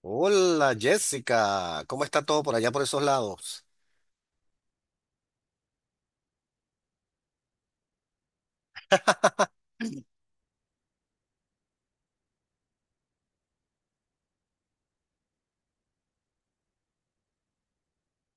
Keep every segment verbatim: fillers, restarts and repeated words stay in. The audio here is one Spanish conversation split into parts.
Hola Jessica, ¿cómo está todo por allá por esos lados?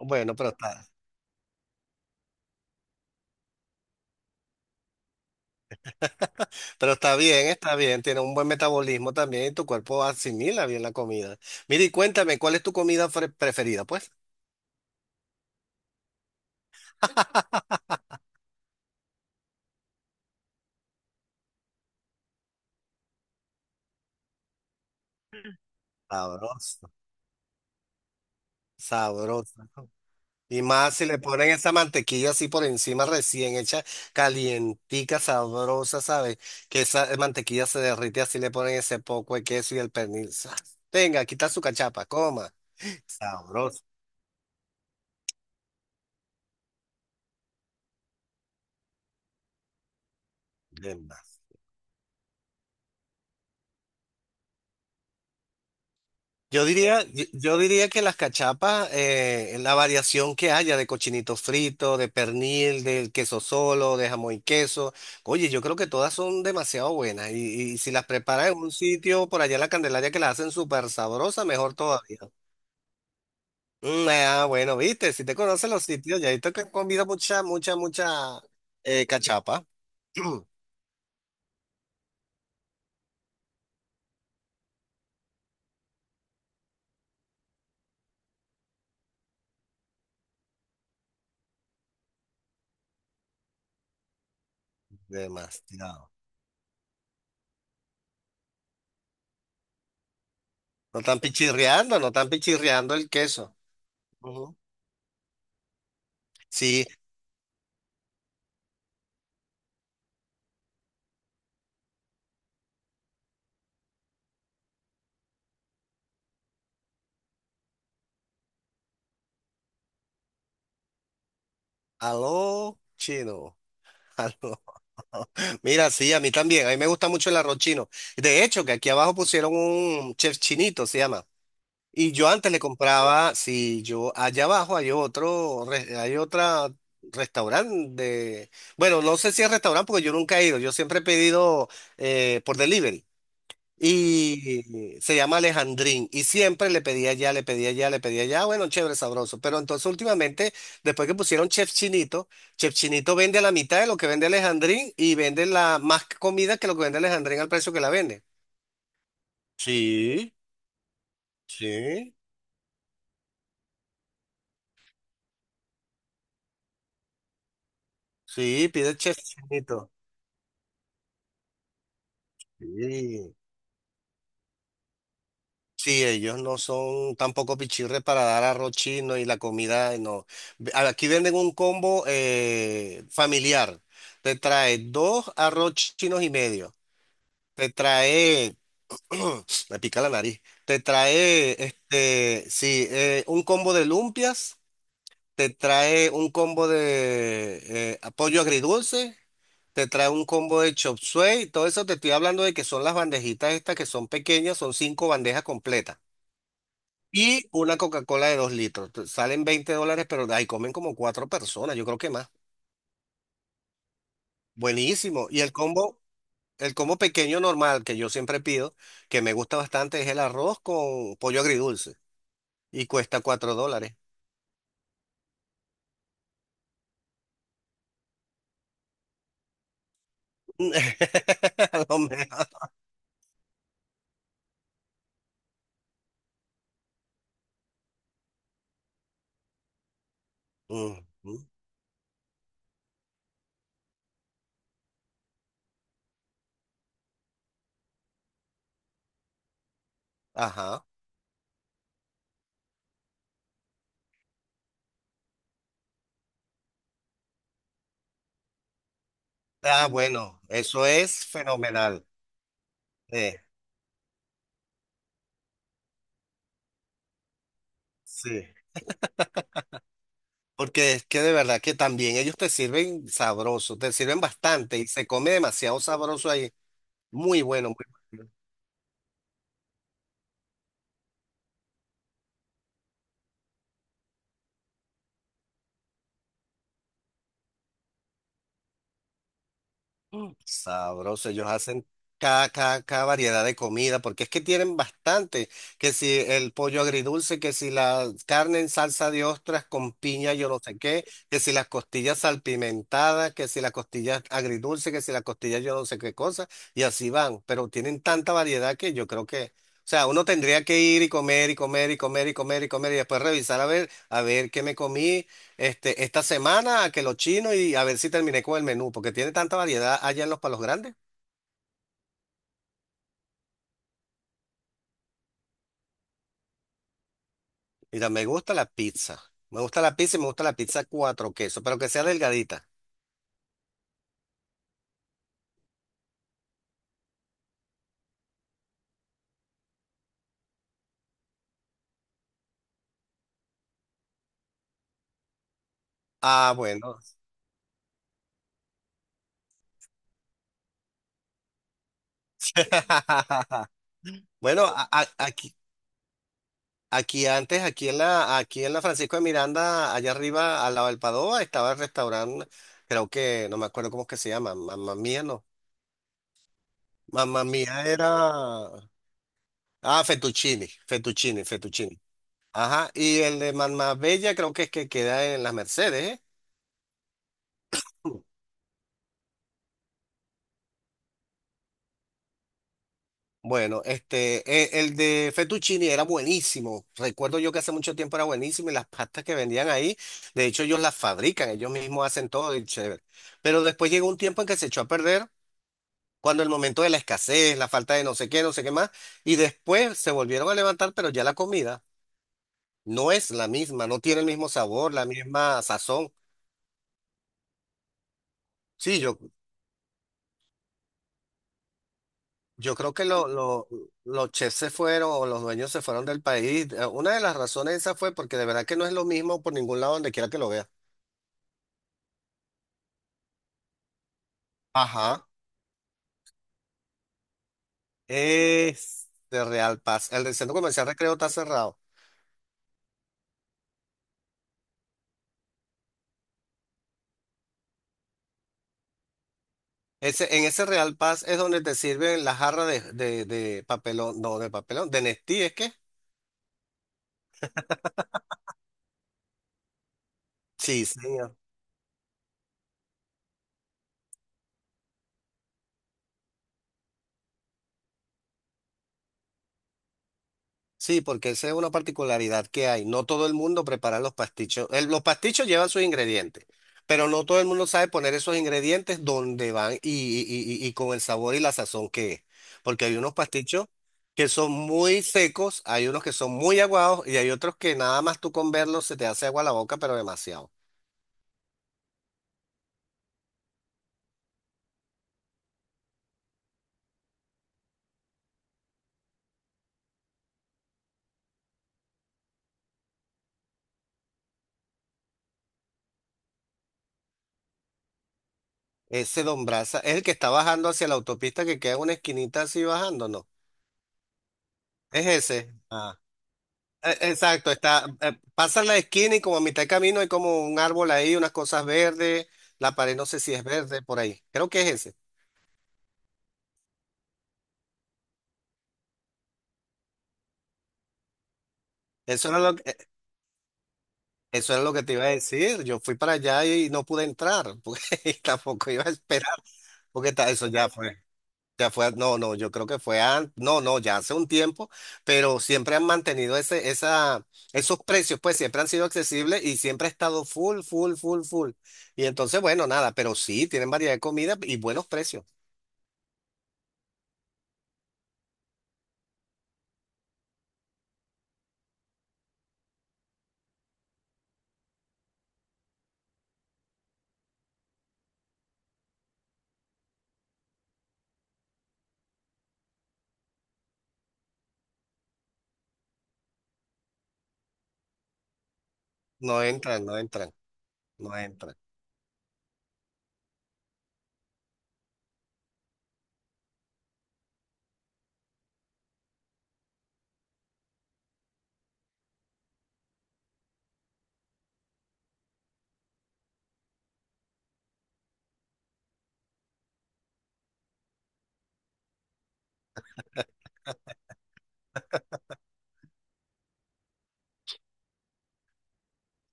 Bueno, pero está, pero está bien, está bien, tiene un buen metabolismo también y tu cuerpo asimila bien la comida. Mira y cuéntame, ¿cuál es tu comida fre- preferida, pues? Sabrosa, sabrosa, ¿no? Y más si le ponen esa mantequilla así por encima recién hecha, calientica, sabrosa, ¿sabes? Que esa mantequilla se derrite así le ponen ese poco de queso y el pernil. ¡Zas! Venga, quita su cachapa, coma. Sabroso. Yo diría, yo yo diría que las cachapas, eh, la variación que haya de cochinito frito, de pernil, del queso solo, de jamón y queso, oye, yo creo que todas son demasiado buenas. Y, y si las preparas en un sitio por allá en la Candelaria que las hacen súper sabrosas, mejor todavía. Mm, ah, bueno, viste, si te conoces los sitios, ya visto que has comido mucha, mucha, mucha eh, cachapa. Demasiado. No están pichirreando, no están pichirreando el queso. Ujú. Sí, aló, chino. Aló. Mira, sí, a mí también. A mí me gusta mucho el arroz chino. De hecho, que aquí abajo pusieron un chef chinito, se llama. Y yo antes le compraba, si yo allá abajo hay otro, re- hay otra restaurante de, bueno, no sé si es restaurante porque yo nunca he ido. Yo siempre he pedido eh, por delivery. Y se llama Alejandrín. Y siempre le pedía ya, le pedía ya, le pedía ya. Bueno, chévere, sabroso. Pero entonces últimamente, después que pusieron Chef Chinito, Chef Chinito vende a la mitad de lo que vende Alejandrín y vende la más comida que lo que vende Alejandrín al precio que la vende. Sí, sí, sí, pide Chef Chinito. Sí. Sí, ellos no son tampoco pichirres para dar arroz chino y la comida, eh, no. Ve- Aquí venden un combo eh, familiar. Te trae dos arroz chinos y medio. Te trae, me pica la nariz. Te trae, este, sí, eh, un combo de lumpias. Te trae un combo de eh, pollo agridulce. Te trae un combo de chop suey. Todo eso te estoy hablando de que son las bandejitas estas que son pequeñas, son cinco bandejas completas. Y una Coca-Cola de dos litros. Te- Salen veinte dólares, pero ahí comen como cuatro personas, yo creo que más. Buenísimo. Y el combo, el combo pequeño normal que yo siempre pido, que me gusta bastante, es el arroz con pollo agridulce. Y cuesta cuatro dólares. A lo mejor. Ujú. Ajá. Ah, bueno, eso es fenomenal. Eh, sí. Porque es que de verdad que también ellos te sirven sabroso, te sirven bastante y se come demasiado sabroso ahí. Muy bueno. Mm. Sabroso, ellos hacen cada, cada, cada variedad de comida, porque es que tienen bastante, que si el pollo agridulce, que si la carne en salsa de ostras con piña, yo no sé qué, que si las costillas salpimentadas, que si las costillas agridulce, que si las costillas yo no sé qué cosa, y así van, pero tienen tanta variedad que yo creo que, o sea, uno tendría que ir y comer y comer y comer y comer y comer y después revisar a ver, a ver qué me comí este, esta semana a que lo chino y a ver si terminé con el menú, porque tiene tanta variedad allá en los Palos Grandes. Mira, me gusta la pizza. Me gusta la pizza y me gusta la pizza cuatro quesos, pero que sea delgadita. Ah, bueno. Bueno, a- a- aquí, aquí antes, aquí en la, aquí en la Francisco de Miranda, allá arriba, al lado del Padova, estaba el restaurante, creo que, no me acuerdo cómo es que se llama, Mamma Mía, no. Mamma Mía era. Ah, fettuccini, fettuccini, fettuccini. Ajá, y el de Bella creo que es que queda en las Mercedes, ¿eh? Bueno, este, e- el, de fettuccine era buenísimo. Recuerdo yo que hace mucho tiempo era buenísimo y las pastas que vendían ahí, de hecho ellos las fabrican, ellos mismos hacen todo y chévere. Pero después llegó un tiempo en que se echó a perder, cuando el momento de la escasez, la falta de no sé qué, no sé qué más, y después se volvieron a levantar, pero ya la comida no es la misma, no tiene el mismo sabor, la misma sazón. Sí, yo Yo creo que lo- lo- los chefs se fueron o los dueños se fueron del país. Eh, Una de las razones esa fue porque de verdad que no es lo mismo por ningún lado donde quiera que lo veas. Ajá. Es de Real Paz. El del centro comercial Recreo está cerrado. Ese, en ese Real Paz es donde te sirven la jarra de, de, de papelón, no, de papelón, de Nestí, ¿es que? Sí, sí. Sí, porque esa es una particularidad que hay. No todo el mundo prepara los pastichos. El- los pastichos llevan sus ingredientes, pero no todo el mundo sabe poner esos ingredientes donde van y, y- y- y y con el sabor y la sazón que es. Porque hay unos pastichos que son muy secos, hay unos que son muy aguados y hay otros que nada más tú con verlos se te hace agua la boca, pero demasiado. Ese Don Brasa es el que está bajando hacia la autopista que queda en una esquinita así bajando, ¿no? Es ese. Ah. Eh, Exacto, está, eh, pasan la esquina y como a mitad de camino hay como un árbol ahí, unas cosas verdes, la pared no sé si es verde por ahí, creo que es ese. Eso era lo que, eh, eso era lo que te iba a decir, yo fui para allá y no pude entrar, porque tampoco iba a esperar, porque ta- eso ya fue, ya fue, no, no, yo creo que fue antes, no, no, ya hace un tiempo, pero siempre han mantenido ese, esa, esos precios, pues siempre han sido accesibles y siempre ha estado full, full, full, full. Y entonces, bueno, nada, pero sí, tienen variedad de comida y buenos precios. No entran, no entran, no entran.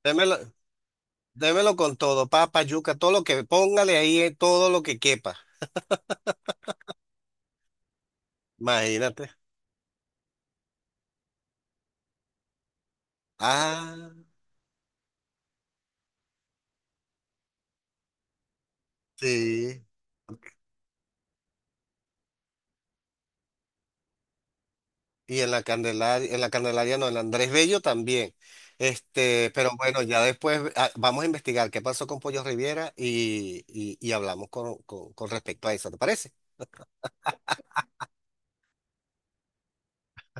Démelo, démelo con todo, papa, yuca, todo lo que póngale ahí, eh, todo lo que quepa. Imagínate. Ah, sí. Y en la Candelaria, en la Candelaria no, en la Andrés Bello también. Este, pero bueno, ya después ah, vamos a investigar qué pasó con Pollo Riviera y, y, y hablamos con, con, con respecto a eso, ¿te parece?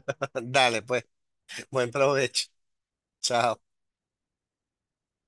Dale, pues, buen provecho. Chao.